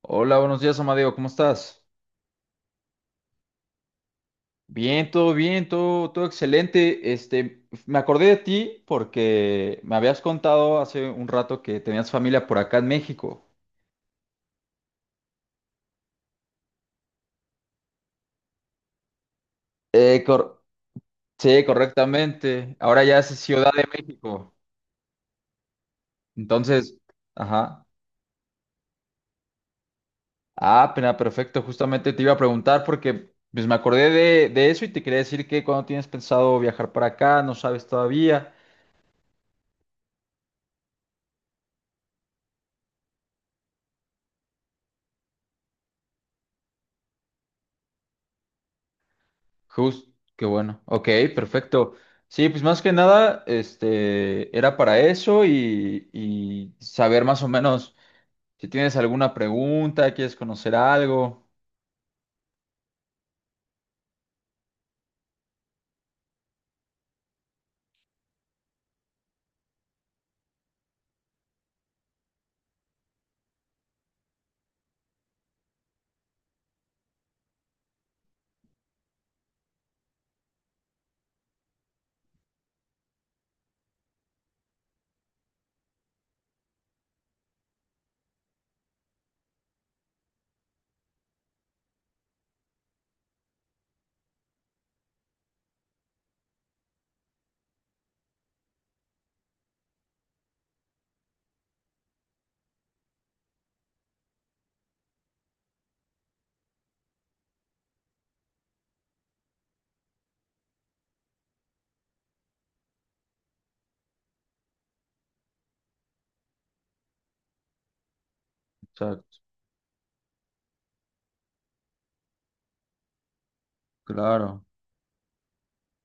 Hola, buenos días, Amadeo, ¿cómo estás? Bien, todo bien, todo excelente. Me acordé de ti porque me habías contado hace un rato que tenías familia por acá en México. Eh, cor- sí, correctamente. Ahora ya es Ciudad de México. Entonces, ajá. Ah, pena, perfecto. Justamente te iba a preguntar porque pues, me acordé de eso y te quería decir que cuando tienes pensado viajar para acá, no sabes todavía. Justo, qué bueno. Ok, perfecto. Sí, pues más que nada, era para eso y saber más o menos si tienes alguna pregunta, quieres conocer algo. Exacto, claro.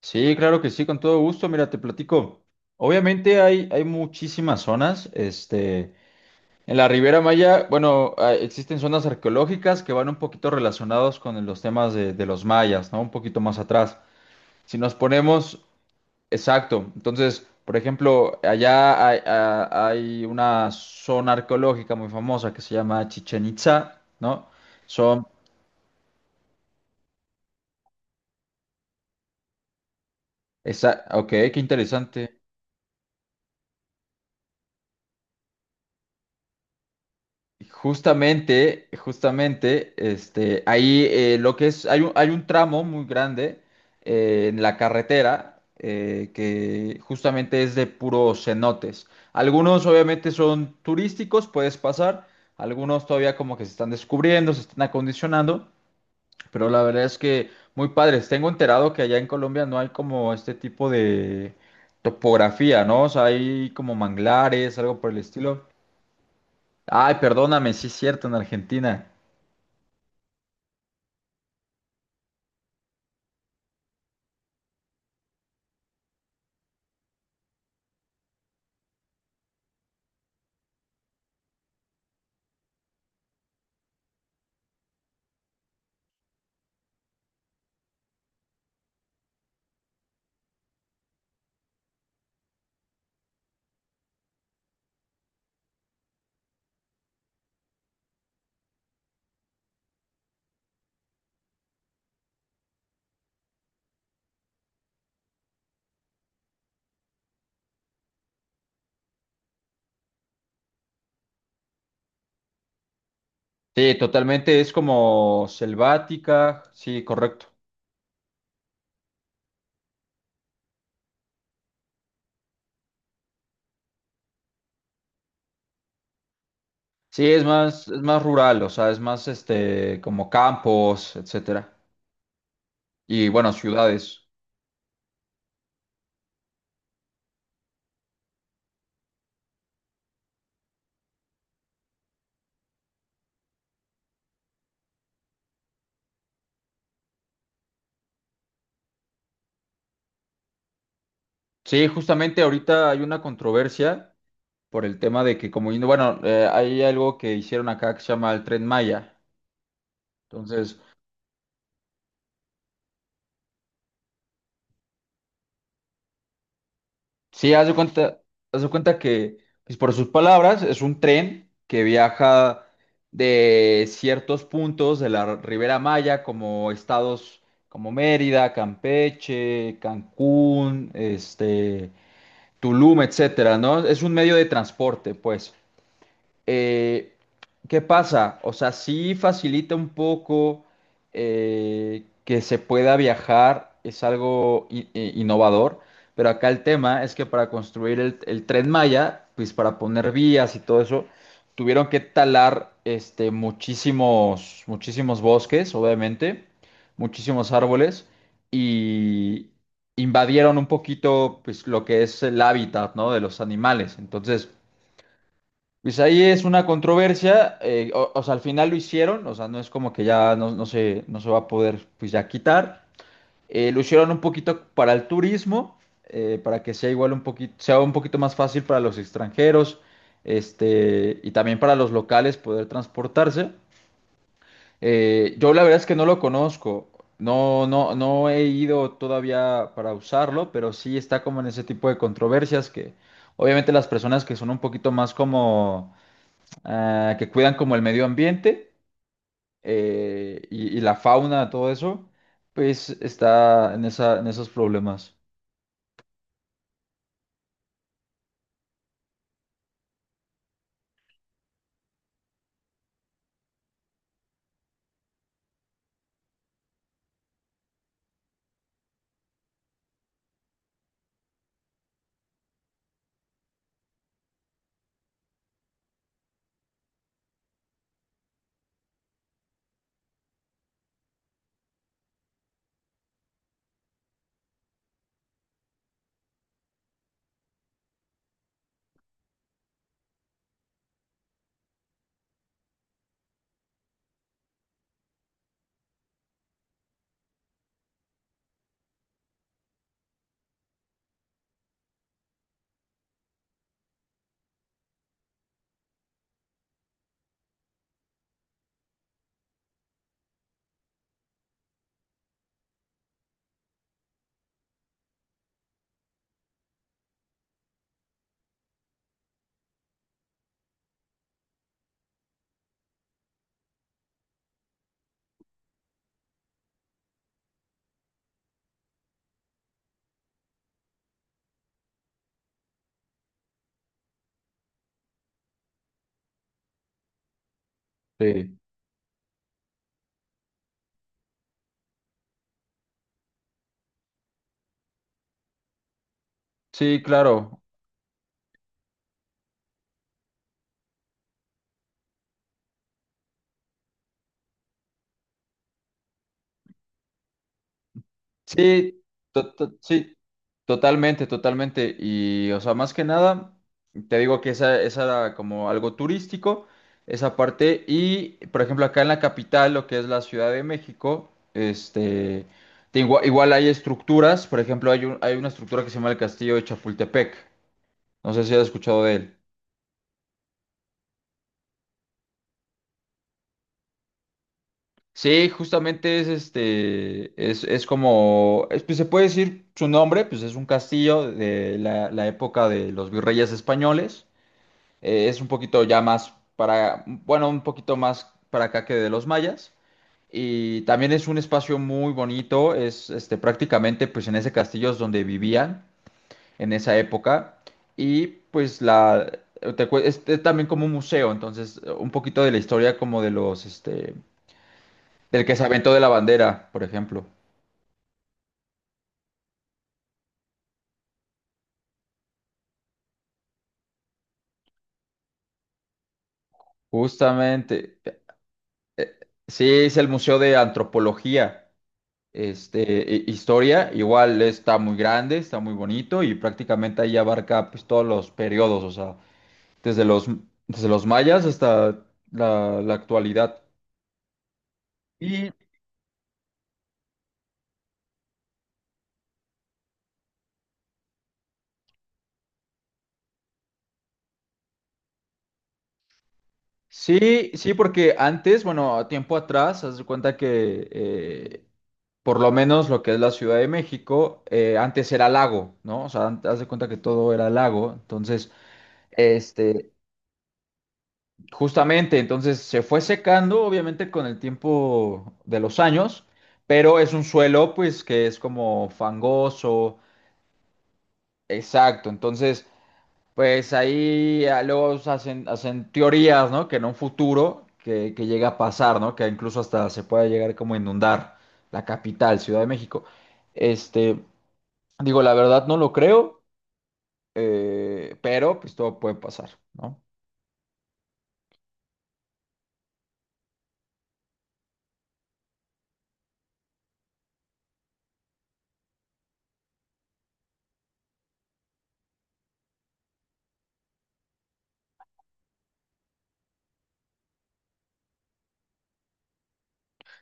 Sí, claro que sí, con todo gusto. Mira, te platico. Obviamente hay muchísimas zonas, en la Riviera Maya, bueno, ah, existen zonas arqueológicas que van un poquito relacionados con los temas de los mayas, ¿no? Un poquito más atrás. Si nos ponemos exacto. Entonces, por ejemplo, hay una zona arqueológica muy famosa que se llama Chichen Itza, ¿no? Son, esa, ok, qué interesante. Justamente, ahí lo que es, hay un tramo muy grande en la carretera que justamente es de puros cenotes. Algunos obviamente son turísticos, puedes pasar. Algunos todavía como que se están descubriendo, se están acondicionando. Pero la verdad es que muy padres. Tengo enterado que allá en Colombia no hay como este tipo de topografía, ¿no? O sea, hay como manglares, algo por el estilo. Ay, perdóname, sí es cierto, en Argentina. Sí, totalmente es como selvática. Sí, correcto. Sí, es más rural, o sea, es más como campos, etcétera. Y bueno, ciudades. Sí, justamente ahorita hay una controversia por el tema de que como, bueno, hay algo que hicieron acá que se llama el Tren Maya. Entonces, sí, haz de cuenta que, pues, por sus palabras, es un tren que viaja de ciertos puntos de la Ribera Maya, como estados como Mérida, Campeche, Cancún, Tulum, etcétera, ¿no? Es un medio de transporte, pues. Eh, ¿Qué pasa? O sea, sí facilita un poco que se pueda viajar, es algo innovador, pero acá el tema es que para construir el Tren Maya, pues para poner vías y todo eso, tuvieron que talar muchísimos bosques, obviamente, muchísimos árboles y invadieron un poquito pues, lo que es el hábitat, ¿no? de los animales. Entonces, pues ahí es una controversia, o sea, al final lo hicieron, o sea, no es como que ya no, no se va a poder pues ya quitar. Lo hicieron un poquito para el turismo, para que sea igual un poquito, sea un poquito más fácil para los extranjeros, y también para los locales poder transportarse. Yo la verdad es que no lo conozco, no he ido todavía para usarlo, pero sí está como en ese tipo de controversias que obviamente las personas que son un poquito más como ah, que cuidan como el medio ambiente y la fauna, todo eso, pues está en esos problemas. Sí, sí, claro. Sí, sí, totalmente, totalmente. Y, o sea, más que nada, te digo que esa era como algo turístico, esa parte. Y, por ejemplo, acá en la capital, lo que es la Ciudad de México, Igual, hay estructuras, por ejemplo, hay una estructura que se llama el Castillo de Chapultepec. No sé si has escuchado de él. Sí, justamente es como, pues se puede decir su nombre, pues es un castillo de la época de los virreyes españoles. Es un poquito ya más para, bueno, un poquito más para acá que de los mayas. Y también es un espacio muy bonito, es prácticamente pues en ese castillo es donde vivían en esa época. Y pues es también como un museo, entonces un poquito de la historia como de los, el que se aventó de la bandera, por ejemplo. Justamente. eh, Sí, es el Museo de Antropología, Historia. Igual está muy grande, está muy bonito y prácticamente ahí abarca pues, todos los periodos, o sea, desde los, desde los mayas hasta la actualidad. Y sí, sí, porque antes, bueno, a tiempo atrás, haz de cuenta que por lo menos lo que es la Ciudad de México, antes era lago, ¿no? O sea, haz de cuenta que todo era lago. Entonces, Este, justamente, entonces se fue secando, obviamente, con el tiempo de los años, pero es un suelo, pues, que es como fangoso, exacto. Entonces, pues ahí ah, luego se hacen, hacen teorías, ¿no? Que en un futuro que llega a pasar, ¿no? Que incluso hasta se pueda llegar como a inundar la capital, Ciudad de México. Este, Digo, la verdad no lo creo, pero pues todo puede pasar, ¿no?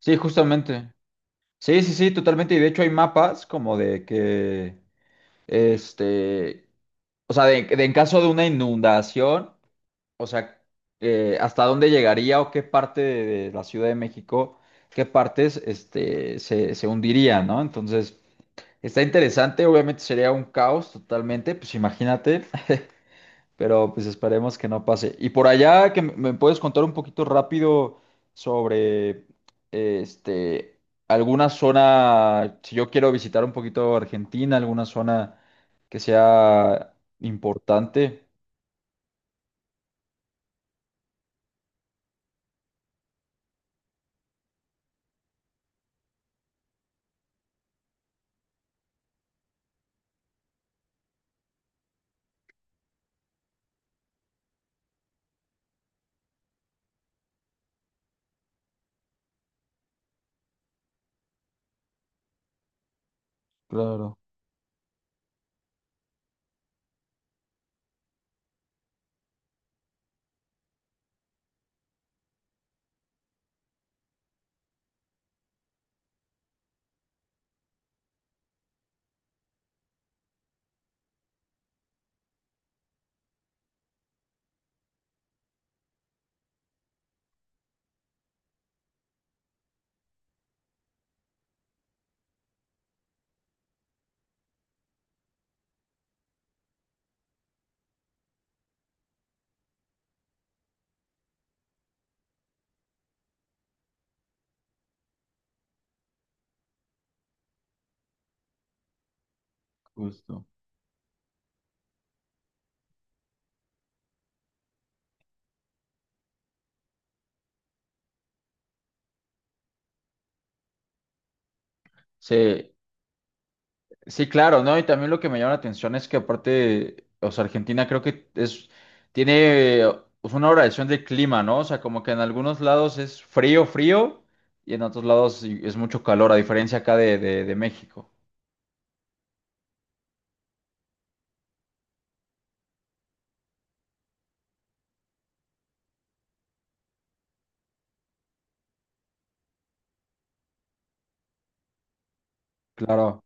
Sí, justamente. Sí, sí, sí, totalmente. Y de hecho hay mapas como de que, este, o sea, de en caso de una inundación, o sea, hasta dónde llegaría o qué parte de la Ciudad de México, qué partes, se hundiría, ¿no? Entonces, está interesante, obviamente sería un caos totalmente, pues imagínate. Pero pues esperemos que no pase. Y por allá, que me puedes contar un poquito rápido sobre este alguna zona, si yo quiero visitar un poquito Argentina, alguna zona que sea importante. Claro. Justo. Sí, sí, claro, ¿no? Y también lo que me llama la atención es que aparte, o sea, Argentina creo que es, tiene pues, una variación de clima, ¿no? O sea, como que en algunos lados es frío, y en otros lados sí es mucho calor, a diferencia acá de México. Claro.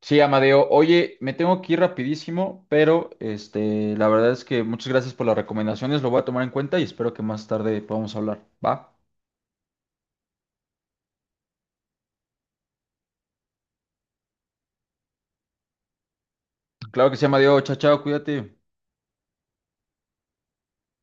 Sí, Amadeo, oye, me tengo que ir rapidísimo, pero la verdad es que muchas gracias por las recomendaciones, lo voy a tomar en cuenta y espero que más tarde podamos hablar, ¿va? Claro que sí, Amadeo, chao, chao, cuídate.